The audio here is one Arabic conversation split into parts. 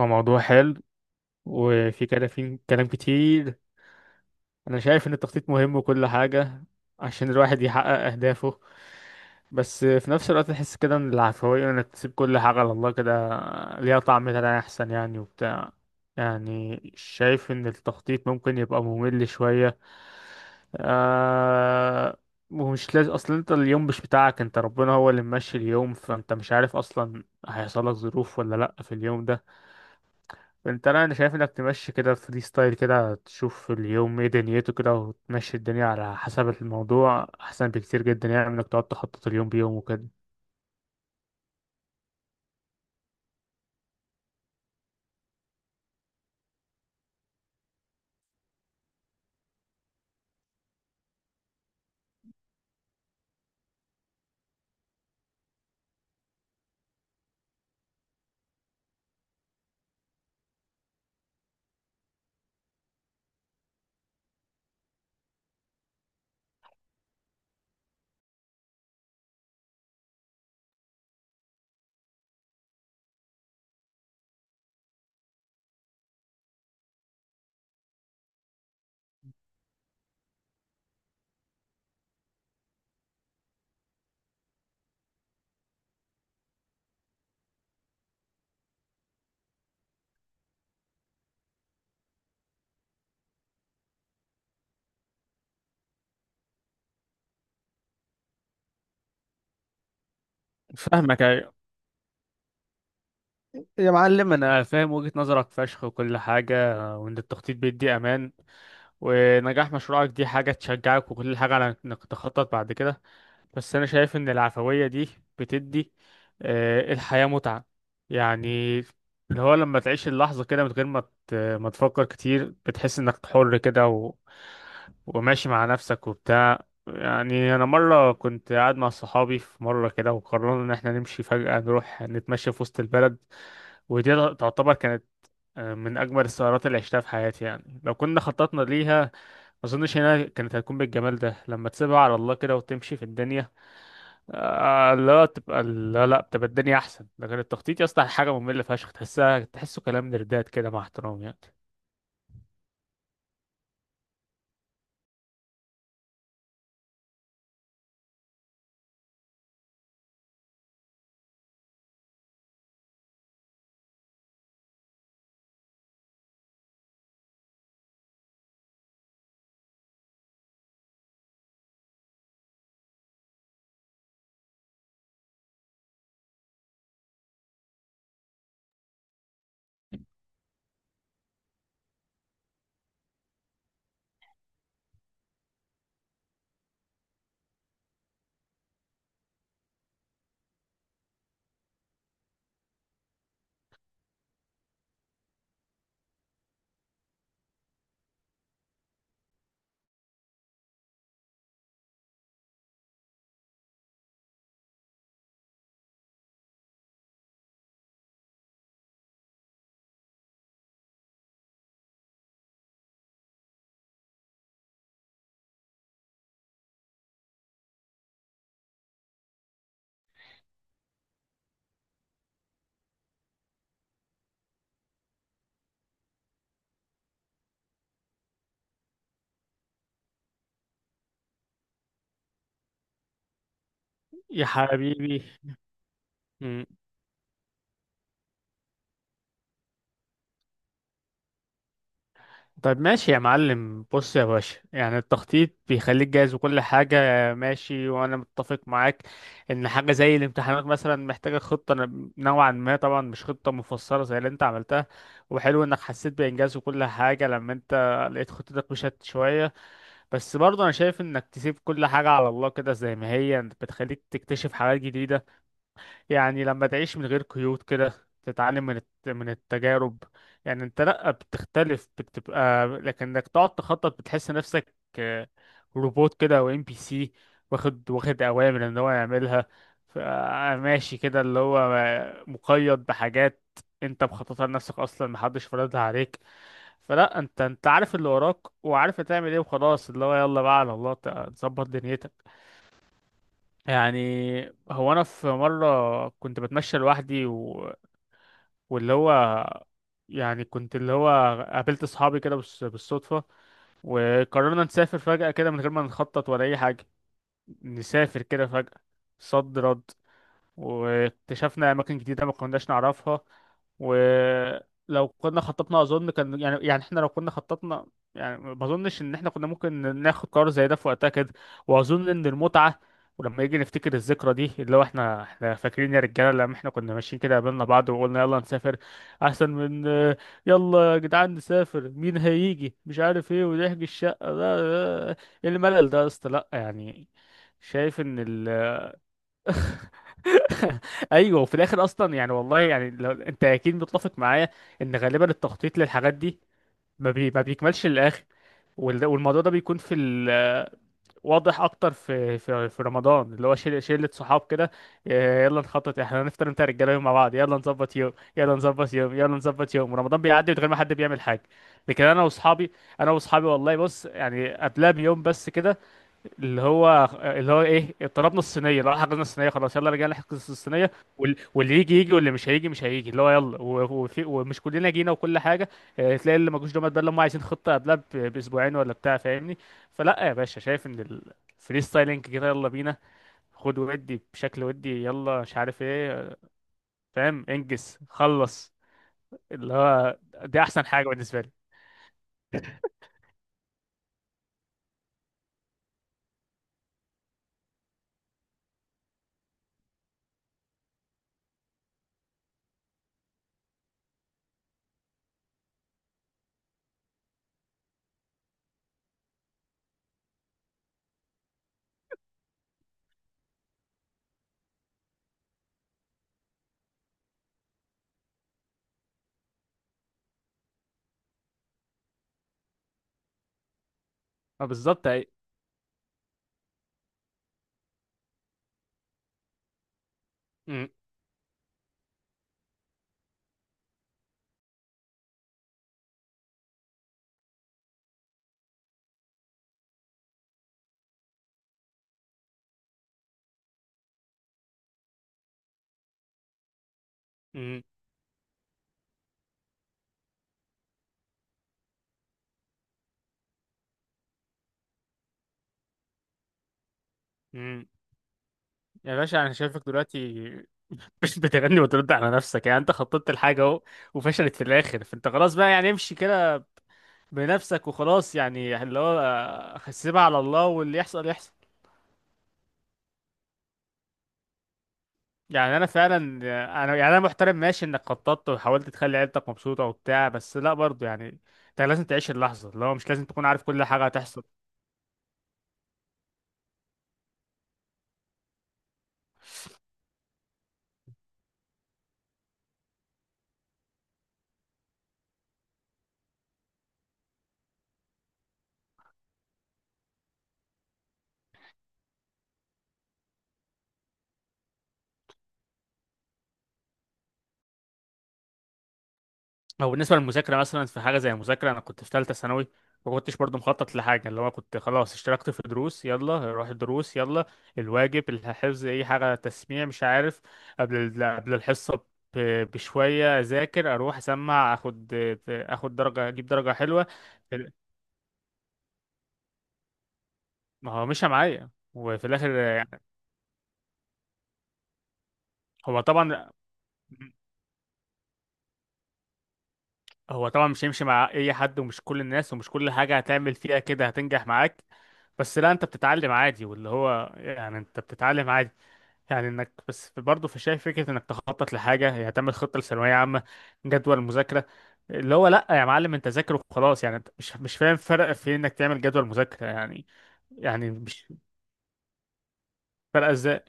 هو موضوع حلو. وفي كلام في كلام كتير. انا شايف ان التخطيط مهم وكل حاجة عشان الواحد يحقق اهدافه. بس في نفس الوقت تحس كده ان العفوية، انك تسيب كل حاجة على الله كده، ليها طعم تاني احسن يعني وبتاع. يعني شايف ان التخطيط ممكن يبقى ممل شوية. آه، ومش لازم اصلا. انت اليوم مش بتاعك، انت ربنا هو اللي ممشي اليوم، فانت مش عارف اصلا هيحصل لك ظروف ولا لا في اليوم ده. انت لا، انا شايف انك تمشي كده فري ستايل كده، تشوف اليوم ايه دنيته كده وتمشي الدنيا على حسب الموضوع، احسن بكتير جدا يعني من انك تقعد تخطط اليوم بيوم وكده. فاهمك، ايوه. يا معلم انا فاهم وجهة نظرك فشخ وكل حاجة، وان التخطيط بيدي امان، ونجاح مشروعك دي حاجة تشجعك وكل حاجة على انك تخطط بعد كده. بس انا شايف ان العفوية دي بتدي آه، الحياة متعة يعني. اللي هو لما تعيش اللحظة كده من غير ما ما تفكر كتير، بتحس انك حر كده وماشي مع نفسك وبتاع. يعني انا مرة كنت قاعد مع صحابي في مرة كده، وقررنا ان احنا نمشي فجأة نروح نتمشى في وسط البلد. ودي تعتبر كانت آه، من اجمل السهرات اللي عشتها في حياتي. يعني لو كنا خططنا ليها ما اظنش هنا كانت هتكون بالجمال ده. لما تسيبها على الله كده وتمشي في الدنيا، آه لا تبقى لا بتبقى الدنيا احسن. لكن التخطيط يا اسطى حاجه ممله فشخ، تحسها كلام نردات كده، مع احترام يعني. يا حبيبي، طيب ماشي يا معلم. بص يا باشا، يعني التخطيط بيخليك جاهز وكل حاجة، ماشي وأنا متفق معاك إن حاجة زي الامتحانات مثلا محتاجة خطة نوعا ما طبعا، مش خطة مفصلة زي اللي أنت عملتها. وحلو إنك حسيت بإنجاز وكل حاجة لما أنت لقيت خطتك مشت شوية. بس برضه أنا شايف إنك تسيب كل حاجة على الله كده زي ما هي، بتخليك تكتشف حاجات جديدة. يعني لما تعيش من غير قيود كده تتعلم من من التجارب. يعني انت لا بتختلف، بتبقى لكنك تقعد تخطط، بتحس نفسك آه، روبوت كده او ام بي سي، واخد اوامر ان هو يعملها. ف- ماشي كده، اللي هو مقيد بحاجات انت مخططها لنفسك اصلا، محدش فرضها عليك. فلا، انت عارف اللي وراك وعارف هتعمل ايه وخلاص. اللي هو يلا بقى على الله تظبط دنيتك يعني. هو انا في مره كنت بتمشى لوحدي و... واللي هو يعني كنت اللي هو قابلت اصحابي كده بالصدفه، وقررنا نسافر فجاه كده من غير ما نخطط ولا اي حاجه. نسافر كده فجاه، صد رد، واكتشفنا اماكن جديده ما كناش نعرفها. ولو كنا خططنا اظن كان يعني، يعني احنا لو كنا خططنا يعني ما اظنش ان احنا كنا ممكن ناخد قرار زي ده في وقتها كده. واظن ان المتعه، ولما يجي نفتكر الذكرى دي اللي هو، احنا فاكرين يا رجاله لما احنا كنا ماشيين كده قابلنا بعض وقلنا يلا نسافر، احسن من آه، يلا يا جدعان نسافر، مين هيجي، مش عارف ايه، ونحجز الشقه، لا لا، ايه الملل ده يا اسطى، لا يعني. شايف ان ال ايوه. وفي الاخر اصلا يعني والله، يعني لو انت اكيد متفق معايا ان غالبا التخطيط للحاجات دي ما بيكملش للاخر. والموضوع ده بيكون في واضح اكتر في في رمضان. اللي هو شله صحاب كده، آه، يلا نخطط احنا هنفطر، انت رجاله يوم مع بعض، يلا نظبط يوم يلا نظبط يوم يلا نظبط يوم، ورمضان بيعدي من غير ما حد بيعمل حاجه. لكن انا واصحابي، انا واصحابي والله بص، يعني قبلها بيوم بس كده، اللي هو ايه، طلبنا الصينيه، لا حجزنا الصينيه، خلاص يلا رجعنا نحجز الصينيه. واللي يجي يجي، واللي مش هيجي مش هيجي. اللي هو يلا وفي، ومش كلنا جينا وكل حاجه. آه، تلاقي اللي مجوش دوت ده اللي هم عايزين خطه قبلها باسبوعين ولا بتاع، فاهمني. فلا يا باشا، شايف ان الفري ستايلينج كده يلا بينا، خد ودي بشكل ودي، يلا مش عارف ايه، آه، فاهم، انجز خلص اللي هو، دي احسن حاجه بالنسبه لي. ما بالظبط أي- م- م- م. يا باشا انا شايفك دلوقتي مش بتغني وترد على نفسك. يعني انت خططت الحاجة اهو، وفشلت في الاخر، فانت خلاص بقى يعني امشي كده بنفسك وخلاص. يعني اللي هو آه، سيبها على الله واللي يحصل يحصل. يعني انا فعلا، انا يعني انا محترم ماشي، انك خططت وحاولت تخلي عيلتك مبسوطة وبتاع، بس لا برضه يعني انت لازم تعيش اللحظة. اللي هو مش لازم تكون عارف كل حاجة هتحصل. هو بالنسبة للمذاكرة مثلا، في حاجة زي المذاكرة أنا كنت في تالتة ثانوي، ما كنتش برضه مخطط لحاجة. اللي هو كنت خلاص اشتركت في دروس، يلا روح الدروس يلا، الواجب الحفظ أي حاجة تسميع مش عارف، قبل قبل الحصة بشوية أذاكر، أروح أسمع، أخد درجة، أجيب درجة حلوة. ما هو مشى معايا وفي الآخر يعني. هو طبعا هو طبعا مش هيمشي مع اي حد ومش كل الناس ومش كل حاجة هتعمل فيها كده هتنجح معاك. بس لا انت بتتعلم عادي، واللي هو يعني انت بتتعلم عادي. يعني انك بس برضه في شايف فكرة انك تخطط لحاجة، يعني تعمل خطة لثانوية عامة، جدول مذاكرة. اللي هو لا يا معلم، انت ذاكر وخلاص. يعني انت مش فاهم فرق في انك تعمل جدول مذاكرة يعني. يعني مش فرق ازاي؟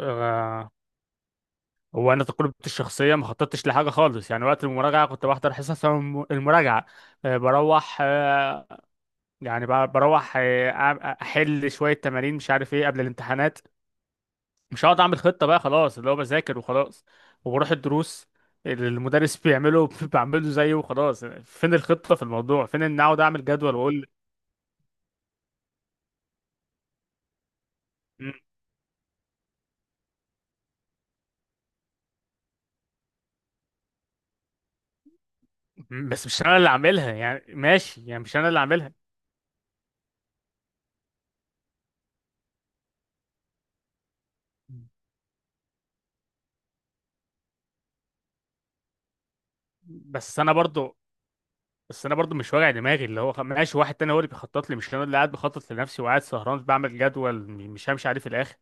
آه، هو انا تجربتي الشخصية ما خططتش لحاجة خالص يعني. وقت المراجعة كنت بحضر حصص المراجعة، آه، بروح آه، يعني بروح آه، احل شويه تمارين مش عارف ايه قبل الامتحانات. مش هقعد اعمل خطه بقى خلاص، اللي هو بذاكر وخلاص، وبروح الدروس اللي المدرس بيعمله بعمله زيه وخلاص. فين الخطه في الموضوع؟ فين ان اقعد اعمل جدول واقول م- بس مش انا اللي عاملها يعني، ماشي يعني مش انا اللي عاملها. بس انا برضو بس انا برضو مش واجع دماغي، اللي هو ماشي واحد تاني هو اللي بيخطط لي، مش انا اللي قاعد بخطط لنفسي وقاعد سهران بعمل جدول مش همشي عليه في الاخر.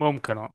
ممكن اه.